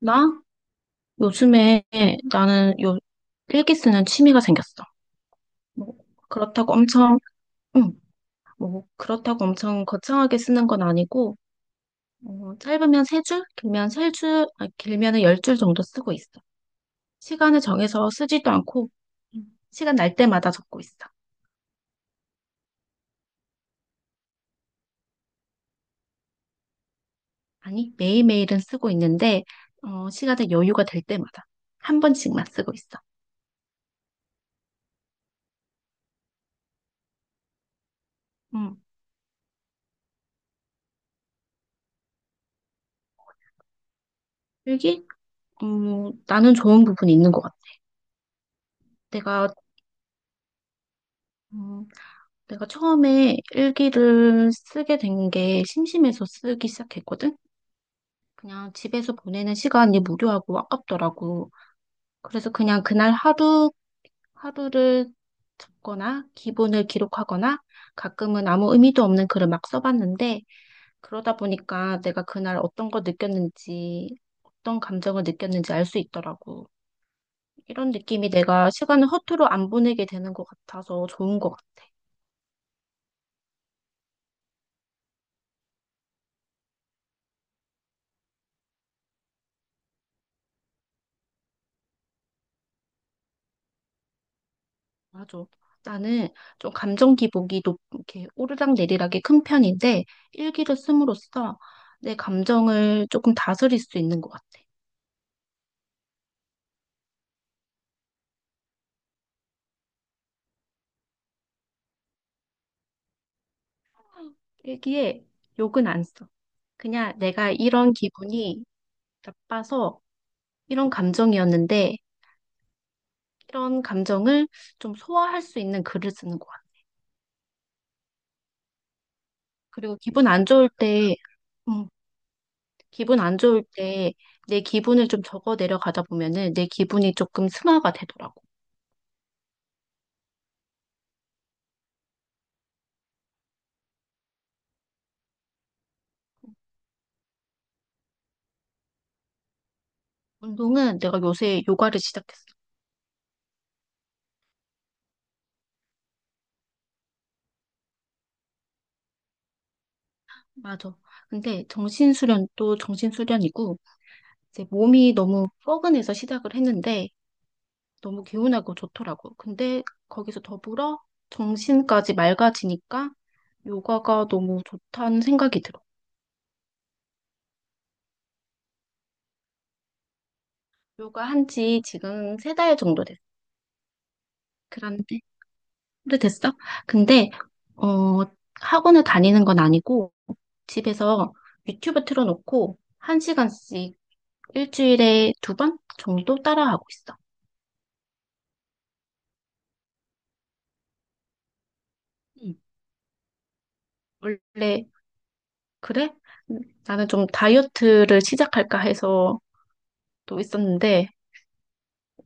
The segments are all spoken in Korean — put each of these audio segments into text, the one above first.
나? 요즘에 나는 요 일기 쓰는 취미가 생겼어. 뭐, 그렇다고 엄청, 응, 뭐, 그렇다고 엄청 거창하게 쓰는 건 아니고, 짧으면 세 줄, 길면 세 줄, 아, 길면은 열 줄 정도 쓰고 있어. 시간을 정해서 쓰지도 않고, 시간 날 때마다 적고 있어. 아니, 매일매일은 쓰고 있는데, 시간에 여유가 될 때마다 한 번씩만 쓰고 있어. 음, 일기? 나는 좋은 부분이 있는 것 같아. 내가 음, 내가 처음에 일기를 쓰게 된 게 심심해서 쓰기 시작했거든? 그냥 집에서 보내는 시간이 무료하고 아깝더라고. 그래서 그냥 그날 하루를 적거나 기분을 기록하거나 가끔은 아무 의미도 없는 글을 막 써봤는데 그러다 보니까 내가 그날 어떤 걸 느꼈는지, 어떤 감정을 느꼈는지 알 수 있더라고. 이런 느낌이 내가 시간을 허투루 안 보내게 되는 것 같아서 좋은 것 같아. 맞아. 나는 좀 감정 기복이 이렇게 오르락 내리락이 큰 편인데 일기를 씀으로써 내 감정을 조금 다스릴 수 있는 것 같아. 일기에 욕은 안 써. 그냥 내가 이런 기분이 나빠서 이런 감정이었는데 이런 감정을 좀 소화할 수 있는 글을 쓰는 것 같아. 그리고 기분 안 좋을 때, 음, 기분 안 좋을 때 내 기분을 좀 적어 내려가다 보면은 내 기분이 조금 승화가 되더라고. 운동은 내가 요새 요가를 시작했어. 맞아. 근데 정신수련도 정신수련이고, 이제 몸이 너무 뻐근해서 시작을 했는데, 너무 개운하고 좋더라고. 근데 거기서 더불어 정신까지 맑아지니까 요가가 너무 좋다는 생각이 들어. 요가 한지 지금 세 달 정도 됐어. 그런데, 오래됐어? 근데, 어, 학원을 다니는 건 아니고, 집에서 유튜브 틀어놓고, 한 시간씩 일주일에 두 번 정도 따라하고 있어. 음. 원래 그래? 음, 나는 좀 다이어트를 시작할까 해서 또 있었는데,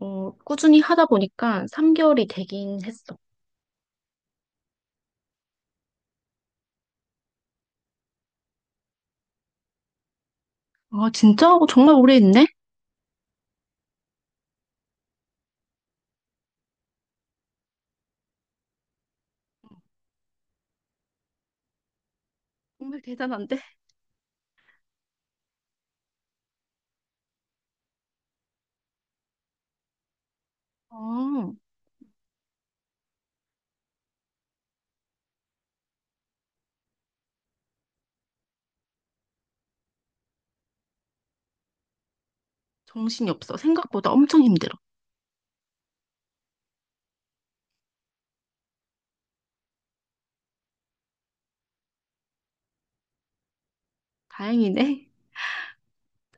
꾸준히 하다 보니까 3개월이 되긴 했어. 아, 진짜? 어, 정말 오래 했네? 정말 대단한데? 어, 정신이 없어. 생각보다 엄청 힘들어. 다행이네.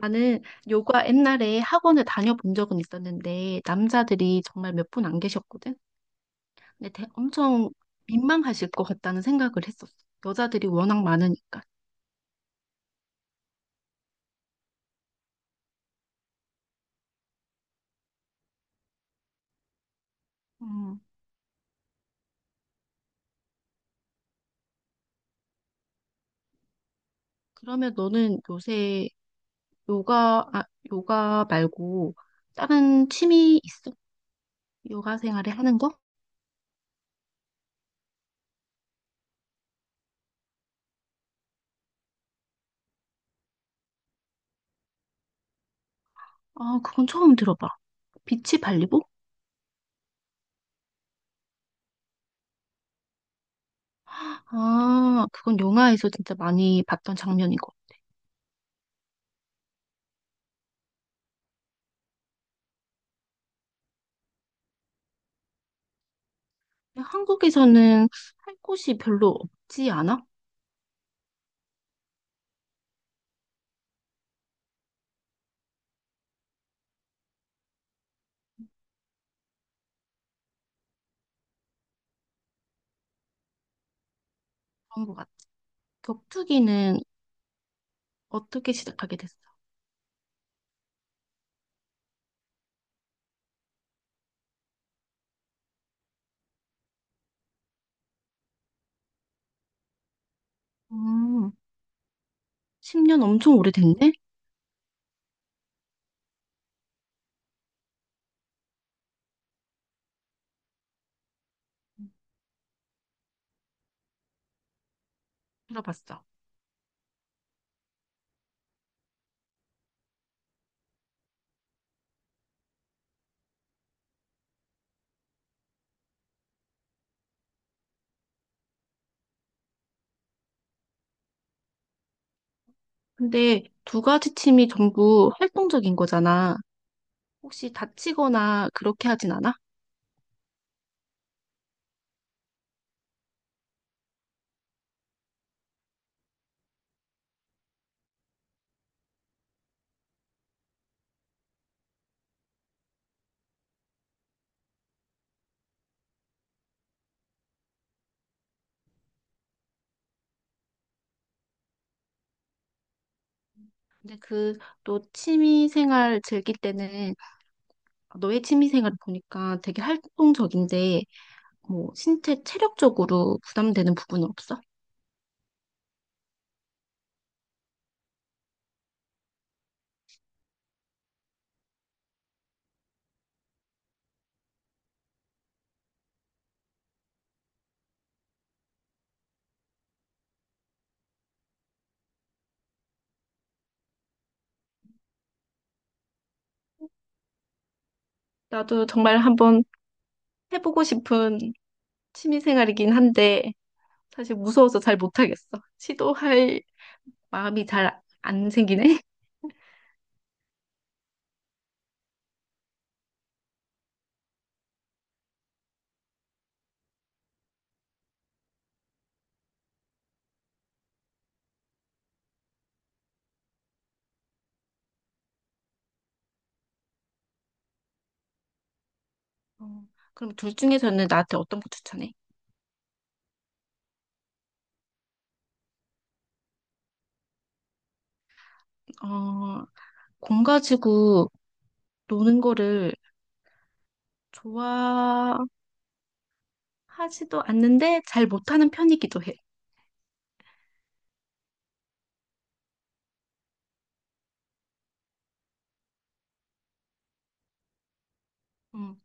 나는 요가 옛날에 학원을 다녀본 적은 있었는데, 남자들이 정말 몇 분 안 계셨거든? 근데 엄청 민망하실 것 같다는 생각을 했었어. 여자들이 워낙 많으니까. 음, 그러면 너는 요새 요가, 아, 요가 말고 다른 취미 있어? 요가 생활에 하는 거? 아, 그건 처음 들어봐. 비치 발리보? 아, 그건 영화에서 진짜 많이 봤던 장면이고. 근데 한국에서는 할 곳이 별로 없지 않아? 그런 것 같아. 격투기는 어떻게 시작하게 됐어? 음, 10년 엄청 오래됐네? 음, 들어봤어. 근데 두 가지 취미 전부 활동적인 거잖아. 혹시 다치거나 그렇게 하진 않아? 근데 그 또 취미 생활 즐길 때는 너의 취미 생활을 보니까 되게 활동적인데 뭐 신체 체력적으로 부담되는 부분은 없어? 나도 정말 한번 해보고 싶은 취미 생활이긴 한데 사실 무서워서 잘 못하겠어. 시도할 마음이 잘 안 생기네. 어, 그럼 둘 중에서는 나한테 어떤 거 추천해? 어, 공 가지고 노는 거를 좋아하지도 않는데 잘 못하는 편이기도 해. 응.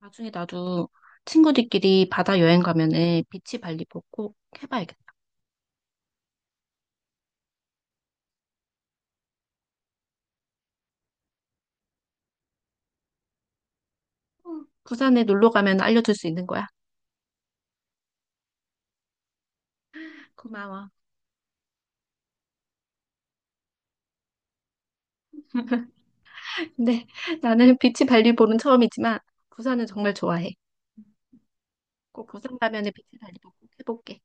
나중에 나도 친구들끼리 바다 여행 가면은 비치 발리볼 꼭 해봐야겠다. 응. 부산에 놀러 가면 알려줄 수 있는 거야. 고마워. 근데 나는 비치 발리볼은 처음이지만 부산은 정말 좋아해. 꼭 부산 가면은 비치 발리볼 꼭 해볼게.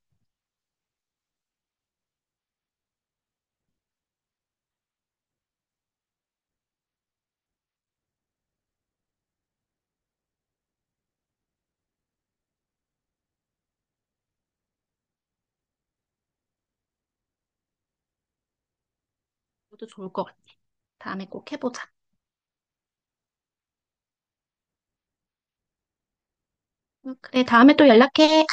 너도 좋을 것 같아. 다음에 꼭 해보자. 응, 그래, 다음에 또 연락해.